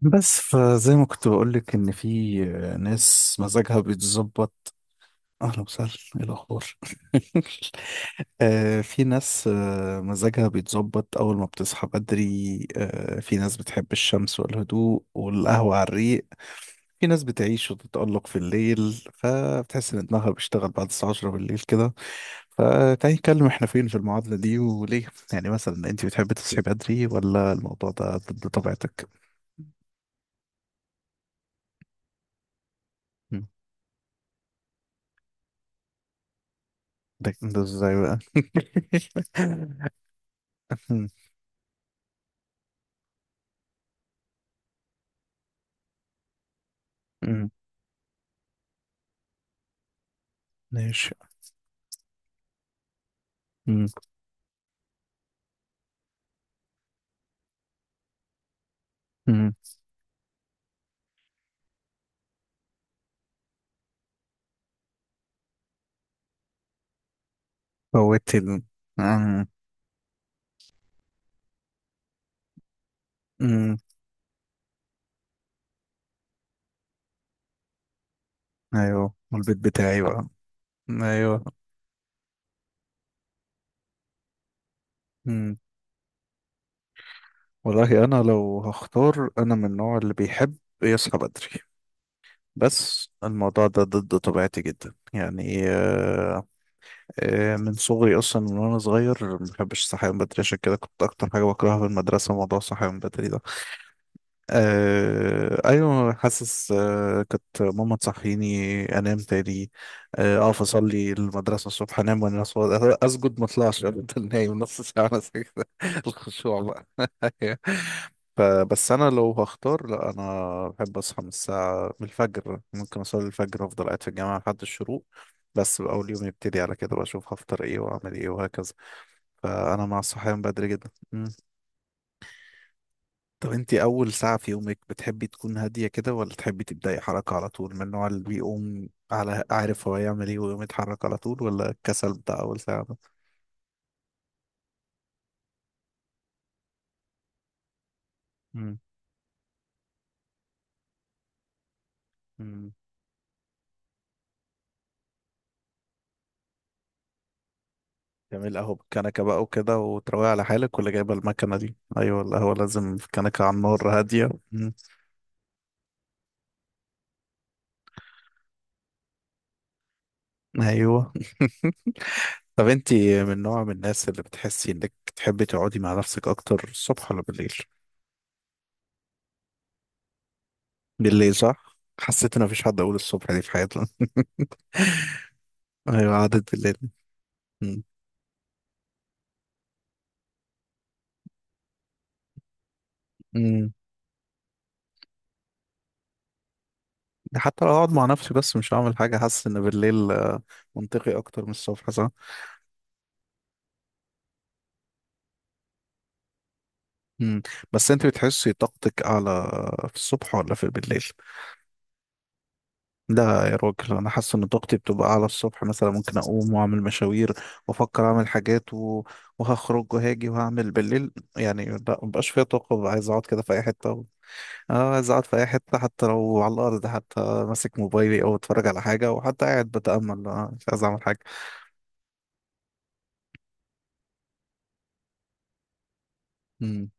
بس فزي ما كنت بقولك إن في ناس مزاجها بيتظبط. أهلا وسهلا، إيه الأخبار؟ آه، في ناس مزاجها بيتظبط أول ما بتصحى بدري، آه، في ناس بتحب الشمس والهدوء والقهوة على الريق. في ناس بتعيش وتتألق في الليل فبتحس إن دماغها بيشتغل بعد الساعة 10 بالليل كده. فتعالي نتكلم إحنا فين في المعادلة دي وليه. يعني مثلا أنت بتحبي تصحي بدري ولا الموضوع ده ضد طبيعتك؟ ده ازاي بقى؟ مم، مم، ماشي. مم، مم. فوت ال مم، مم. ايوه، والبيت بتاعي بقى. ايوه. مم. والله انا لو هختار، انا من النوع اللي بيحب يصحى بدري، بس الموضوع ده ضد طبيعتي جدا، يعني من صغري اصلا، من وانا صغير ما بحبش الصحيان بدري، عشان كده كنت اكتر حاجه بكرهها في المدرسه موضوع الصحيان بدري ده. آه ايوه، حاسس، آه كانت ماما تصحيني انام تاني. آه، اقف اصلي المدرسه الصبح انام، اسجد ما اطلعش، افضل نايم نص ساعه بس كده، الخشوع بقى. فبس انا لو هختار، لا انا بحب اصحى من الساعه، من الفجر، ممكن اصلي الفجر وافضل قاعد في الجامعه لحد الشروق. بس بقى اول يوم يبتدي على كده، بشوف هفطر ايه واعمل ايه وهكذا. فانا مع الصحيان بدري جدا. طب انت اول ساعة في يومك بتحبي تكون هادية كده ولا تحبي تبدأي حركة على طول؟ من النوع اللي بيقوم على عارف هو يعمل ايه ويقوم يتحرك على طول، ولا الكسل بتاع اول ساعة ده؟ مم. مم. جميل، قهوة بالكنكة بقى وكده وتروقي على حالك، ولا جايبة المكنة دي؟ ايوه، القهوة لازم في كنكة على النار هادية. مم. ايوه. طب انت من نوع من الناس اللي بتحسي انك تحبي تقعدي مع نفسك اكتر الصبح ولا بالليل؟ بالليل صح، حسيت ان مفيش حد اقول الصبح دي في حياتنا. ايوه، قعدت بالليل. مم. مم. ده حتى لو هقعد مع نفسي بس مش هعمل حاجة، حاسس إن بالليل، منطقي أكتر من الصبح، صح؟ مم. بس أنت بتحسي طاقتك أعلى في الصبح ولا في بالليل؟ لا يا راجل، أنا حاسس إن طاقتي بتبقى أعلى الصبح، مثلا ممكن أقوم وأعمل مشاوير وأفكر أعمل حاجات و... وهخرج وهاجي وهعمل بالليل، يعني لا، مبقاش فيها طاقة، ببقى عايز أقعد كده في أي حتة و... آه عايز أقعد في أي حتة، حتى لو على الأرض، حتى ماسك موبايلي أو أتفرج على حاجة، وحتى قاعد بتأمل، مش عايز أعمل حاجة. مم.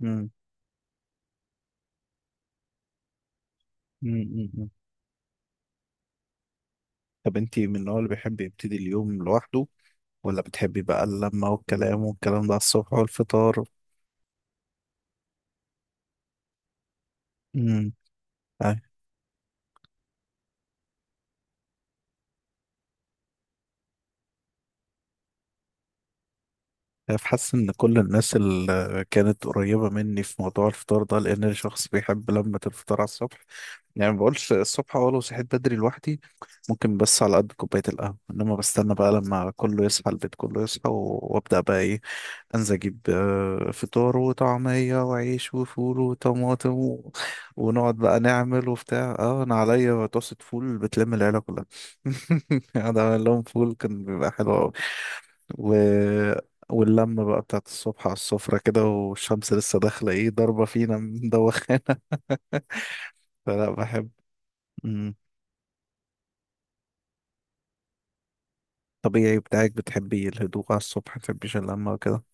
مم. مم. طب انت من النوع اللي بيحب يبتدي اليوم لوحده، ولا بتحبي بقى اللمة والكلام والكلام ده على الصبح والفطار؟ امم. حاسس ان كل الناس اللي كانت قريبة مني في موضوع الفطار ده، لان انا شخص بيحب لمة الفطار على الصبح، يعني ما بقولش الصبح، اه لو صحيت بدري لوحدي ممكن، بس على قد كوباية القهوة، انما بستنى بقى لما كله يصحى، البيت كله يصحى وابدأ بقى ايه، انزل اجيب، فطار وطعمية وعيش وفول وطماطم و... ونقعد بقى نعمل وبتاع. اه انا عليا طاسة فول بتلم العيلة كلها. قاعد اعمل لهم فول كان بيبقى حلو قوي و... واللمة بقى بتاعت الصبح على السفرة كده، والشمس لسه داخلة ايه، ضاربة فينا من دوخانة. فلا، بحب. مم. طبيعي بتاعك، بتحبي الهدوء على الصبح، متحبيش اللمة وكده.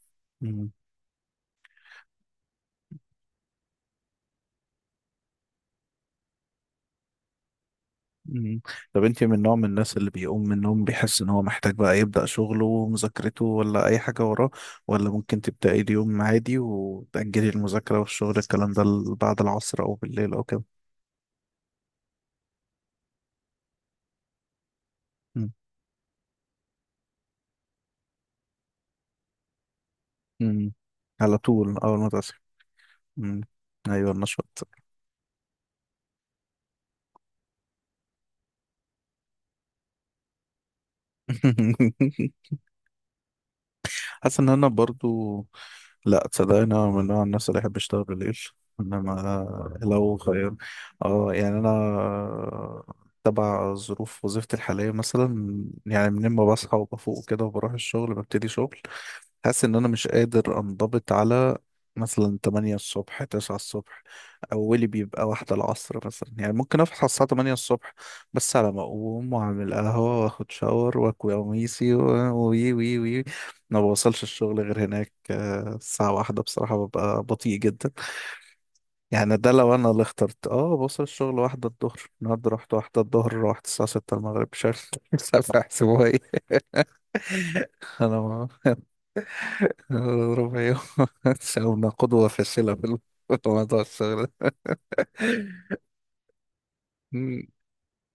مم. طب انت من نوع من الناس اللي بيقوم من النوم بيحس ان هو محتاج بقى يبدأ شغله ومذاكرته ولا اي حاجة وراه، ولا ممكن تبدأي اليوم عادي وتأجلي المذاكرة والشغل الكلام ده بعد العصر او بالليل او كده؟ مم. مم. على طول اول ما تصحي. مم. ايوه النشاط. حاسس ان انا برضو، لا تصدقني انا من النوع، عن نفسي، اللي يحب يشتغل بالليل، انما لو خير، اه يعني انا تبع ظروف وظيفتي الحاليه، مثلا يعني من ما بصحى وبفوق كده وبروح الشغل ببتدي شغل، حاسس ان انا مش قادر انضبط على مثلا 8 الصبح، 9 الصبح، اولي بيبقى واحدة العصر مثلا. يعني ممكن اصحى الساعة 8 الصبح بس على ما اقوم واعمل قهوة واخد شاور واكوي قميصي وي وي وي، ما بوصلش الشغل غير هناك، آه، الساعة واحدة، بصراحة ببقى بطيء جدا يعني. ده لو انا اللي اخترت، اه بوصل الشغل واحدة الظهر، النهاردة رحت واحدة الظهر، روحت الساعة 6 المغرب، مش عارف، مش عارف احسبوها ايه. انا ربع يوم. ساونا قدوة فاشلة في الموضوع الشغل ده. مم.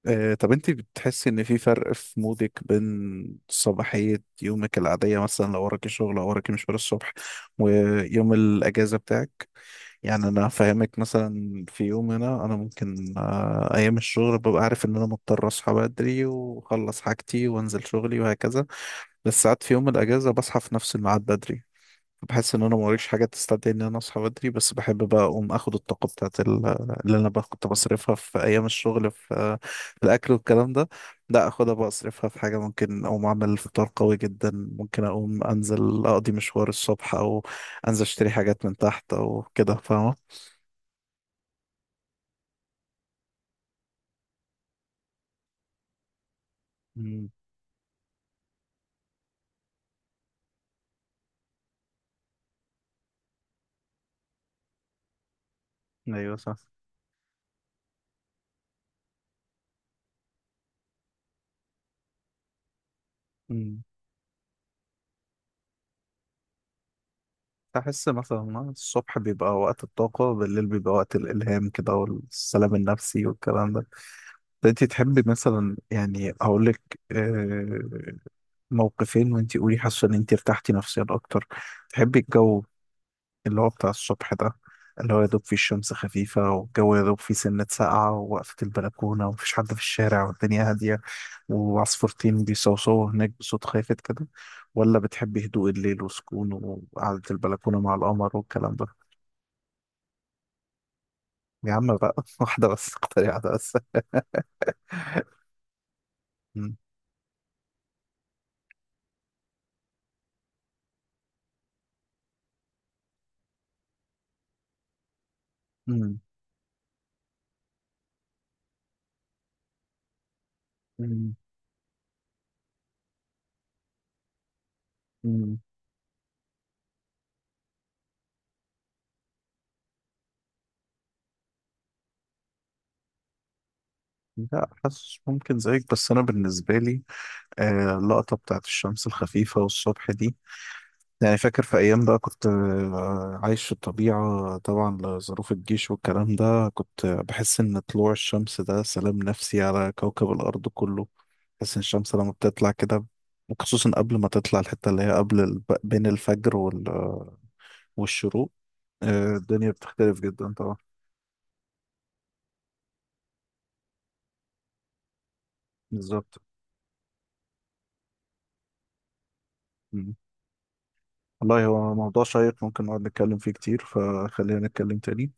آه، طب انت بتحسي ان في فرق في مودك بين صباحية يومك العادية، مثلا لو وراكي شغل او وراكي مشوار الصبح، ويوم الاجازة بتاعك؟ يعني انا فاهمك مثلا، في يوم هنا انا ممكن، آه، ايام الشغل ببقى عارف ان انا مضطر اصحى بدري واخلص حاجتي وانزل شغلي وهكذا، بس ساعات في يوم الاجازة بصحى في نفس الميعاد بدري، بحس ان انا موريش حاجه تستدعي ان انا اصحى بدري، بس بحب بقى اقوم اخد الطاقه بتاعت اللي انا بقى كنت بصرفها في ايام الشغل في في الاكل والكلام ده، لا اخدها بقى اصرفها في حاجه، ممكن اقوم اعمل فطار قوي جدا، ممكن اقوم انزل اقضي مشوار الصبح، او انزل اشتري حاجات من تحت او كده، فاهمه؟ امم. ايوه صح. امم. احس مثلا الصبح بيبقى وقت الطاقه، بالليل بيبقى وقت الالهام كده والسلام النفسي والكلام ده. انت تحبي مثلا، يعني اقول لك موقفين وانت قولي حاسه ان انت ارتحتي نفسيا اكتر، تحبي الجو اللي هو بتاع الصبح ده، اللي هو يا دوب فيه الشمس خفيفة والجو يا دوب فيه سنة ساقعة، ووقفة البلكونة ومفيش حد في الشارع والدنيا هادية، وعصفورتين بيصوصوا هناك بصوت خافت كده، ولا بتحبي هدوء الليل وسكون وقعدة البلكونة مع القمر والكلام ده؟ يا عم بقى، واحدة بس، اختاري واحدة بس. مم. مم. مم. مم. لا حاسس ممكن زيك، بس أنا بالنسبة لي، اللقطة بتاعت الشمس الخفيفة والصبح دي، يعني فاكر في أيام بقى كنت، عايش في الطبيعة طبعا لظروف الجيش والكلام ده، كنت بحس إن طلوع الشمس ده سلام نفسي على كوكب الأرض كله. بحس إن الشمس لما بتطلع كده، وخصوصا قبل ما تطلع، الحتة اللي هي قبل بين الفجر والشروق، الدنيا بتختلف جدا طبعا. بالظبط. مم. والله هو موضوع شيق ممكن نقعد نتكلم فيه كتير، فخلينا نتكلم تاني.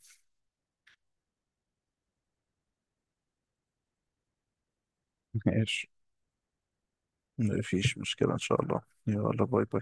ماشي، مفيش مشكلة إن شاء الله. يلا باي باي.